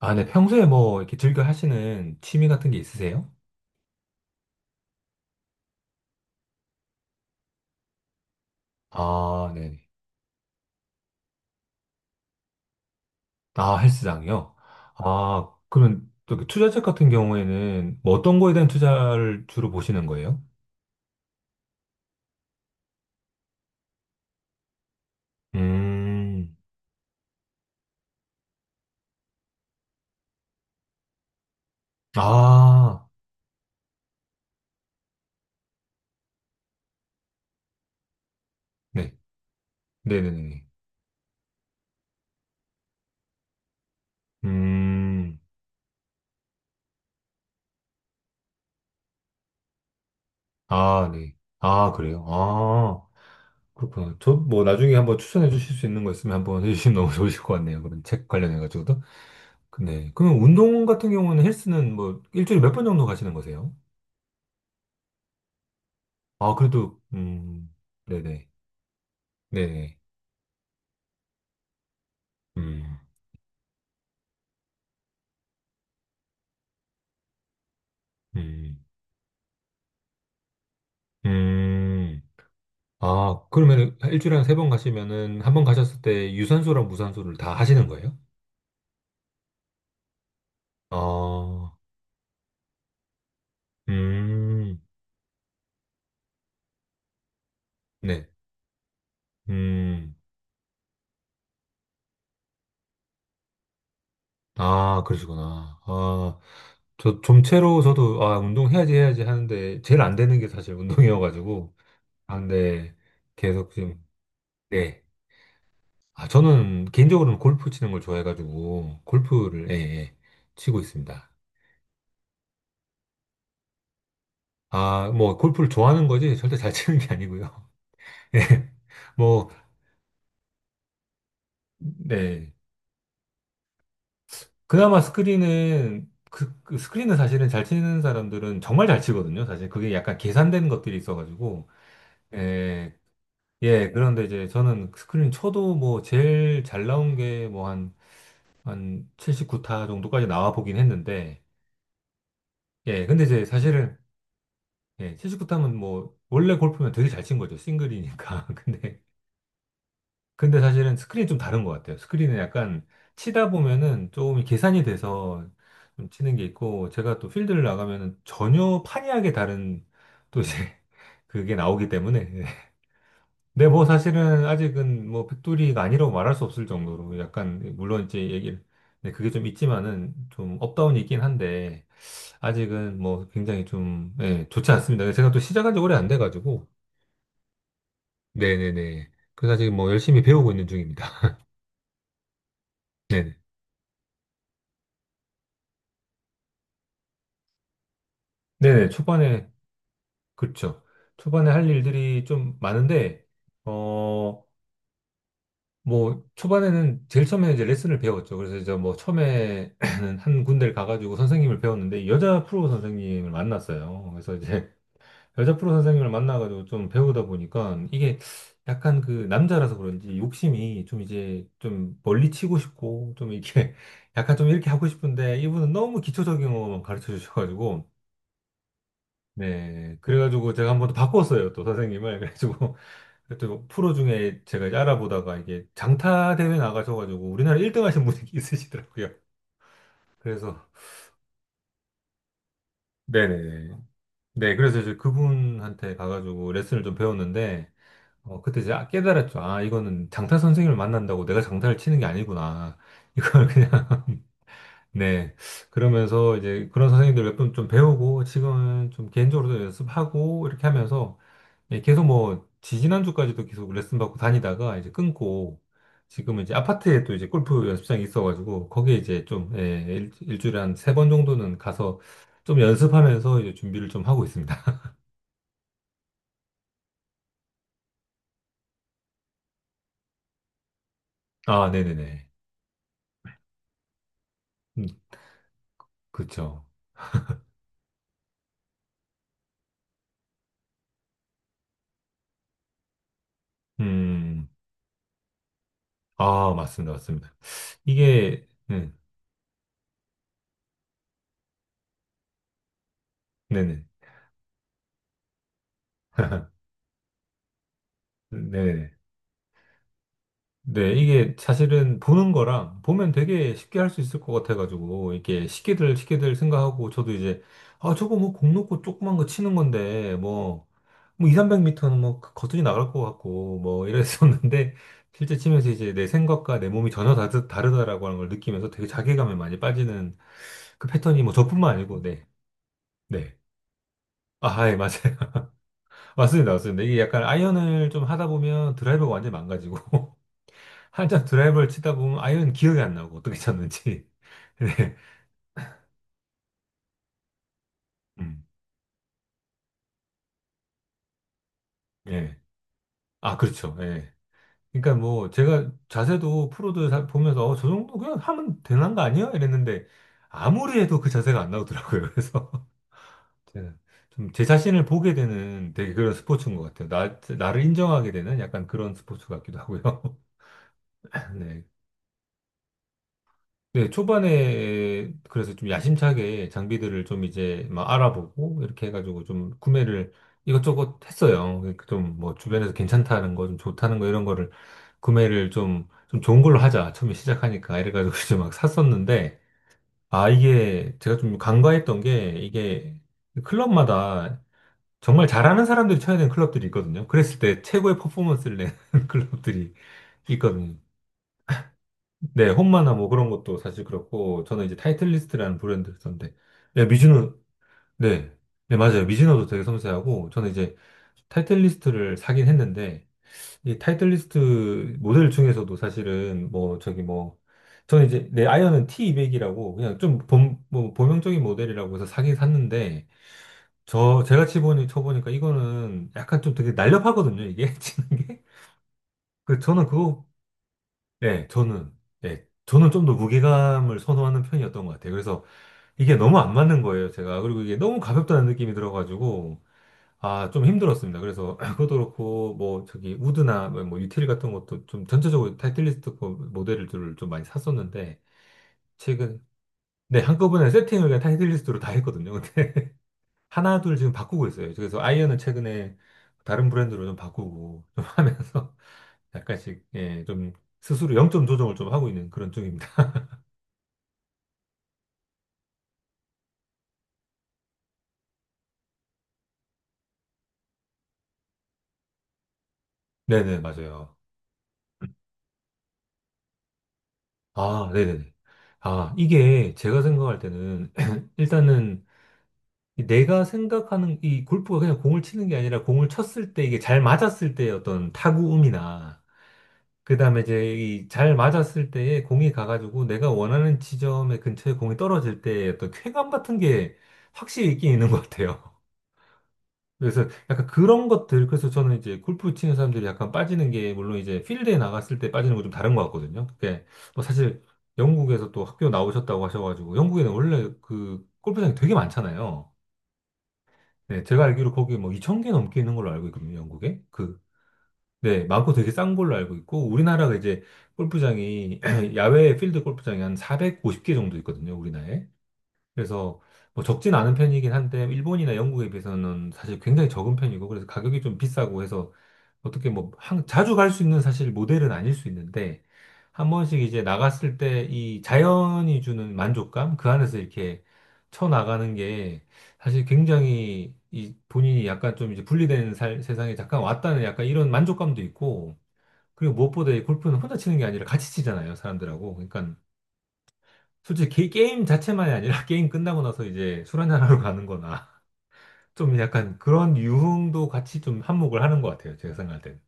아, 네. 평소에 뭐 이렇게 즐겨 하시는 취미 같은 게 있으세요? 아, 네네. 아, 헬스장이요? 아, 그러면 또그 투자책 같은 경우에는 뭐 어떤 거에 대한 투자를 주로 보시는 거예요? 음, 아, 네. 네네네. 음, 아, 네. 아, 그래요? 아, 그렇구나. 저 뭐 나중에 한번 추천해 주실 수 있는 거 있으면 한번 해주시면 너무 좋으실 것 같네요. 그런 책 관련해가지고도. 네. 그러면 운동 같은 경우는 헬스는 뭐 일주일에 몇 번 정도 가시는 거세요? 아, 그래도, 네네, 네네, 음, 음, 음. 아, 그러면 일주일에 한 세 번 가시면은, 한 번 가셨을 때 유산소랑 무산소를 다 하시는 거예요? 아, 음, 네, 음, 아, 그러시구나. 아, 저 좀채로 저도, 아, 운동해야지 해야지 하는데, 제일 안 되는 게 사실 운동이어가지고, 아, 근데 계속 지금, 네. 아, 저는 개인적으로는 골프 치는 걸 좋아해가지고, 골프를, 예, 예, 치고 있습니다. 아, 뭐, 골프를 좋아하는 거지, 절대 잘 치는 게 아니고요. 예, 뭐, 네. 그나마 스크린은, 그, 그 스크린은 사실은 잘 치는 사람들은 정말 잘 치거든요. 사실 그게 약간 계산된 것들이 있어가지고, 예, 예, 그런데 이제 저는 스크린 쳐도 뭐, 제일 잘 나온 게 뭐, 한, 한 79타 정도까지 나와 보긴 했는데, 예, 근데 이제 사실은, 예, 79탐은 뭐, 원래 골프면 되게 잘 친 거죠. 싱글이니까. 근데, 근데 사실은 스크린이 좀 다른 것 같아요. 스크린은 약간 치다 보면은 조금 계산이 돼서 좀 치는 게 있고, 제가 또 필드를 나가면은 전혀 판이하게 다른 또 이제 그게 나오기 때문에. 예. 근데 뭐 사실은 아직은 뭐 백돌이가 아니라고 말할 수 없을 정도로 약간, 물론 이제 얘기를, 네, 그게 좀 있지만은 좀 업다운이 있긴 한데, 아직은 뭐 굉장히 좀, 예, 좋지 않습니다. 제가 또 시작한 지 오래 안 돼가지고, 네네네. 그래서 아직 뭐 열심히 배우고 있는 중입니다. 네네. 네네, 초반에, 그렇죠. 초반에 할 일들이 좀 많은데, 어, 뭐, 초반에는 제일 처음에 이제 레슨을 배웠죠. 그래서 이제 뭐, 처음에는 한 군데를 가가지고 선생님을 배웠는데, 여자 프로 선생님을 만났어요. 그래서 이제 여자 프로 선생님을 만나가지고 좀 배우다 보니까 이게 약간 그 남자라서 그런지 욕심이 좀 이제 좀 멀리 치고 싶고 좀 이렇게 약간 좀 이렇게 하고 싶은데 이분은 너무 기초적인 것만 가르쳐 주셔가지고 네 그래가지고 제가 한번 더 바꿨어요 또 선생님을 그래가지고 또 프로 중에 제가 이제 알아보다가 이게 장타 대회 나가셔가지고 우리나라 1등 하신 분이 있으시더라고요 그래서 네네네 네 그래서 이제 그분한테 가가지고 레슨을 좀 배웠는데 어, 그때 제 깨달았죠. 아, 이거는 장타 선생님을 만난다고 내가 장타를 치는 게 아니구나. 이걸 그냥, 네. 그러면서 이제 그런 선생님들 몇 분 좀 배우고, 지금은 좀 개인적으로도 연습하고, 이렇게 하면서, 예, 계속 뭐, 지지난주까지도 계속 레슨 받고 다니다가 이제 끊고, 지금은 이제 아파트에 또 이제 골프 연습장이 있어가지고, 거기에 이제 좀, 예, 일주일에 한 세 번 정도는 가서 좀 연습하면서 이제 준비를 좀 하고 있습니다. 아, 네네네. 음, 그렇죠. 음. 아, 맞습니다. 맞습니다. 이게, 네, 네네. 네네. 네, 이게 사실은 보는 거랑 보면 되게 쉽게 할 수 있을 것 같아가지고, 이게 렇 쉽게들 생각하고, 저도 이제, 아, 저거 뭐 공 놓고 조그만 거 치는 건데, 뭐, 뭐 2, 300m는 뭐 거뜬히 나갈 것 같고, 뭐 이랬었는데, 실제 치면서 이제 내 생각과 내 몸이 전혀 다르다라고 하는 걸 느끼면서 되게 자괴감에 많이 빠지는 그 패턴이 뭐 저뿐만 아니고, 네. 네. 아, 예, 맞아요. 맞습니다, 맞습니다. 이게 약간 아이언을 좀 하다 보면 드라이버가 완전 히 망가지고, 한참 드라이버를 치다 보면 아이언 기억이 안 나고, 어떻게 쳤는지. 네. 음. 예. 아, 그렇죠. 예. 그러니까 뭐, 제가 자세도 프로들 보면서, 어, 저 정도 그냥 하면 되는 거 아니야? 이랬는데, 아무리 해도 그 자세가 안 나오더라고요. 그래서, 제가 좀 제 자신을 보게 되는 되게 그런 스포츠인 것 같아요. 나를 인정하게 되는 약간 그런 스포츠 같기도 하고요. 네. 네, 초반에 그래서 좀 야심차게 장비들을 좀 이제 막 알아보고 이렇게 해가지고 좀 구매를 이것저것 했어요. 그러니까 좀뭐 주변에서 괜찮다는 거, 좀 좋다는 거 이런 거를 구매를 좀, 좀 좋은 걸로 하자. 처음에 시작하니까 이래가지고 이제 막 샀었는데 아, 이게 제가 좀 간과했던 게 이게 클럽마다 정말 잘하는 사람들이 쳐야 되는 클럽들이 있거든요. 그랬을 때 최고의 퍼포먼스를 내는 클럽들이 있거든요. 네, 홈마나 뭐 그런 것도 사실 그렇고, 저는 이제 타이틀리스트라는 브랜드를 썼는데, 네, 미즈노, 네, 네, 맞아요. 미즈노도 되게 섬세하고, 저는 이제 타이틀리스트를 사긴 했는데, 이 타이틀리스트 모델 중에서도 사실은 뭐, 저기 뭐, 저는 이제 내 아이언은 T200이라고, 그냥 좀 본, 뭐, 범용적인 모델이라고 해서 사긴 샀는데, 저, 제가 쳐보니까 이거는 약간 좀 되게 날렵하거든요, 이게, 치는 게. 그, 저는 그거 네, 저는, 네, 저는 좀 더 무게감을 선호하는 편이었던 것 같아요. 그래서 이게 너무 안 맞는 거예요, 제가. 그리고 이게 너무 가볍다는 느낌이 들어가지고, 아, 좀 힘들었습니다. 그래서 그것도 그렇고, 뭐, 저기, 우드나 뭐, 뭐 유틸 같은 것도 좀 전체적으로 타이틀리스트 거 모델들을 좀 많이 샀었는데, 최근, 네, 한꺼번에 세팅을 그냥 타이틀리스트로 다 했거든요. 근데 하나, 둘 지금 바꾸고 있어요. 그래서 아이언은 최근에 다른 브랜드로 좀 바꾸고, 좀 하면서 약간씩, 예, 좀 스스로 영점 조정을 좀 하고 있는 그런 쪽입니다. 네네, 맞아요. 아, 네네네. 아, 이게 제가 생각할 때는 일단은 내가 생각하는 이 골프가 그냥 공을 치는 게 아니라 공을 쳤을 때 이게 잘 맞았을 때의 어떤 타구음이나 그다음에 이제 이 잘 맞았을 때에 공이 가가지고 내가 원하는 지점의 근처에 공이 떨어질 때의 어떤 쾌감 같은 게 확실히 있긴 있는 것 같아요. 그래서 약간 그런 것들, 그래서 저는 이제 골프 치는 사람들이 약간 빠지는 게, 물론 이제 필드에 나갔을 때 빠지는 건 좀 다른 것 같거든요. 그게 뭐 사실 영국에서 또 학교 나오셨다고 하셔가지고, 영국에는 원래 그 골프장이 되게 많잖아요. 네, 제가 알기로 거기 뭐 2,000개 넘게 있는 걸로 알고 있거든요, 영국에. 그, 네, 많고 되게 싼 걸로 알고 있고, 우리나라가 이제 골프장이, 야외 필드 골프장이 한 450개 정도 있거든요, 우리나라에. 그래서 뭐 적진 않은 편이긴 한데 일본이나 영국에 비해서는 사실 굉장히 적은 편이고 그래서 가격이 좀 비싸고 해서 어떻게 뭐 자주 갈 수 있는 사실 모델은 아닐 수 있는데 한 번씩 이제 나갔을 때 이 자연이 주는 만족감 그 안에서 이렇게 쳐 나가는 게 사실 굉장히 이 본인이 약간 좀 이제 분리된 살, 세상에 잠깐 왔다는 약간 이런 만족감도 있고 그리고 무엇보다 이 골프는 혼자 치는 게 아니라 같이 치잖아요 사람들하고 그러니까 솔직히 게임 자체만이 아니라 게임 끝나고 나서 이제 술 한잔하러 가는 거나 좀 약간 그런 유흥도 같이 좀 한몫을 하는 것 같아요. 제가 생각할 땐.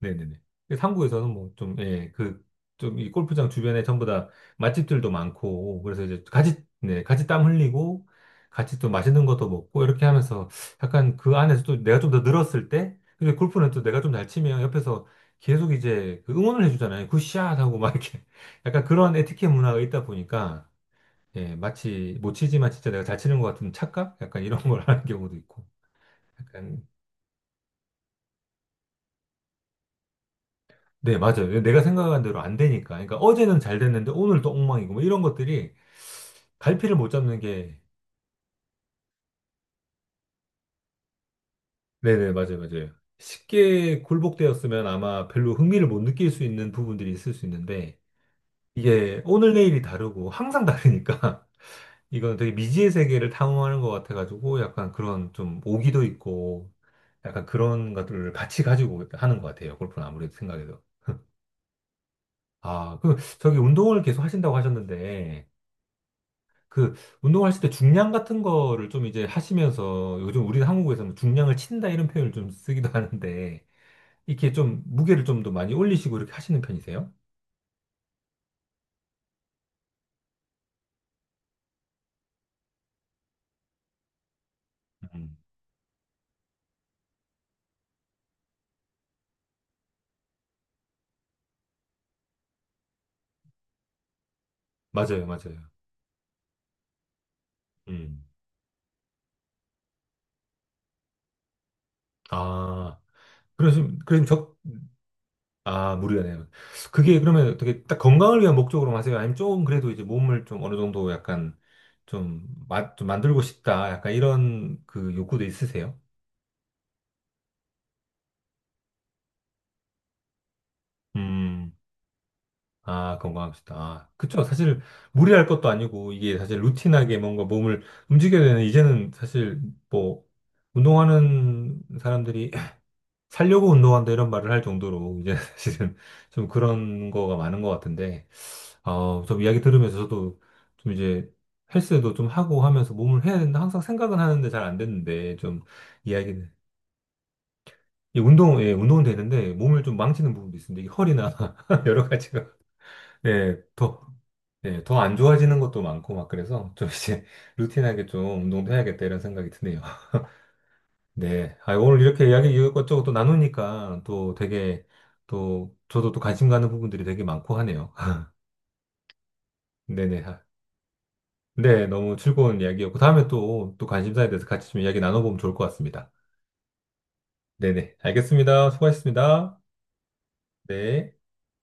네네네. 그래서 한국에서는 뭐 좀, 예, 그, 좀 이 골프장 주변에 전부 다 맛집들도 많고, 그래서 이제 같이, 네, 같이 땀 흘리고, 같이 또 맛있는 것도 먹고, 이렇게 하면서 약간 그 안에서 또 내가 좀 더 늘었을 때, 근데 골프는 또 내가 좀 잘 치면 옆에서 계속 이제 그 응원을 해주잖아요. 굿샷 하고 막 이렇게. 약간 그런 에티켓 문화가 있다 보니까, 예, 마치 못 치지만 진짜 내가 잘 치는 것 같은 착각? 약간 이런 걸 하는 경우도 있고. 약간, 네, 맞아요. 내가 생각한 대로 안 되니까. 그러니까 어제는 잘 됐는데 오늘 또 엉망이고 뭐 이런 것들이 갈피를 못 잡는 게, 네네, 맞아요, 맞아요. 쉽게 굴복되었으면 아마 별로 흥미를 못 느낄 수 있는 부분들이 있을 수 있는데 이게 오늘 내일이 다르고 항상 다르니까 이건 되게 미지의 세계를 탐험하는 것 같아가지고 약간 그런 좀 오기도 있고 약간 그런 것들을 같이 가지고 하는 것 같아요. 골프는 아무래도 생각해도. 아, 그, 저기 운동을 계속 하신다고 하셨는데, 그, 운동하실 때 중량 같은 거를 좀 이제 하시면서, 요즘 우리 한국에서는 중량을 친다 이런 표현을 좀 쓰기도 하는데, 이렇게 좀 무게를 좀 더 많이 올리시고 이렇게 하시는 편이세요? 음. 맞아요, 맞아요. 음. 아, 그러시면, 그럼 적, 아, 무리가 네요 그게 그러면 어떻게 딱 건강을 위한 목적으로 하세요? 아니면 조금 그래도 이제 몸을 좀 어느 정도 약간 좀, 마, 좀 만들고 싶다, 약간 이런 그 욕구도 있으세요? 음. 아, 건강한 식단. 아, 그쵸. 사실 무리할 것도 아니고 이게 사실 루틴하게 뭔가 몸을 움직여야 되는 이제는 사실 뭐 운동하는 사람들이 살려고 운동한다 이런 말을 할 정도로 이제 사실은 좀 그런 거가 많은 것 같은데 어, 좀 이야기 들으면서 저도 좀 이제 헬스도 좀 하고 하면서 몸을 해야 된다 항상 생각은 하는데 잘 안 됐는데 좀 이야기는 이 운동, 예, 운동은 되는데 몸을 좀 망치는 부분도 있습니다. 이 허리나 여러 가지가 예, 더 네, 더 안 좋아지는 것도 많고 막 그래서 좀 이제 루틴하게 좀 운동도 해야겠다 이런 생각이 드네요. 네, 아, 오늘 이렇게 이야기 이것저것 또 나누니까 또 되게 또 저도 또 관심 가는 부분들이 되게 많고 하네요. 네네. 아, 네, 너무 즐거운 이야기였고 다음에 또 또 관심사에 대해서 같이 좀 이야기 나눠보면 좋을 것 같습니다. 네네. 알겠습니다. 수고하셨습니다. 네.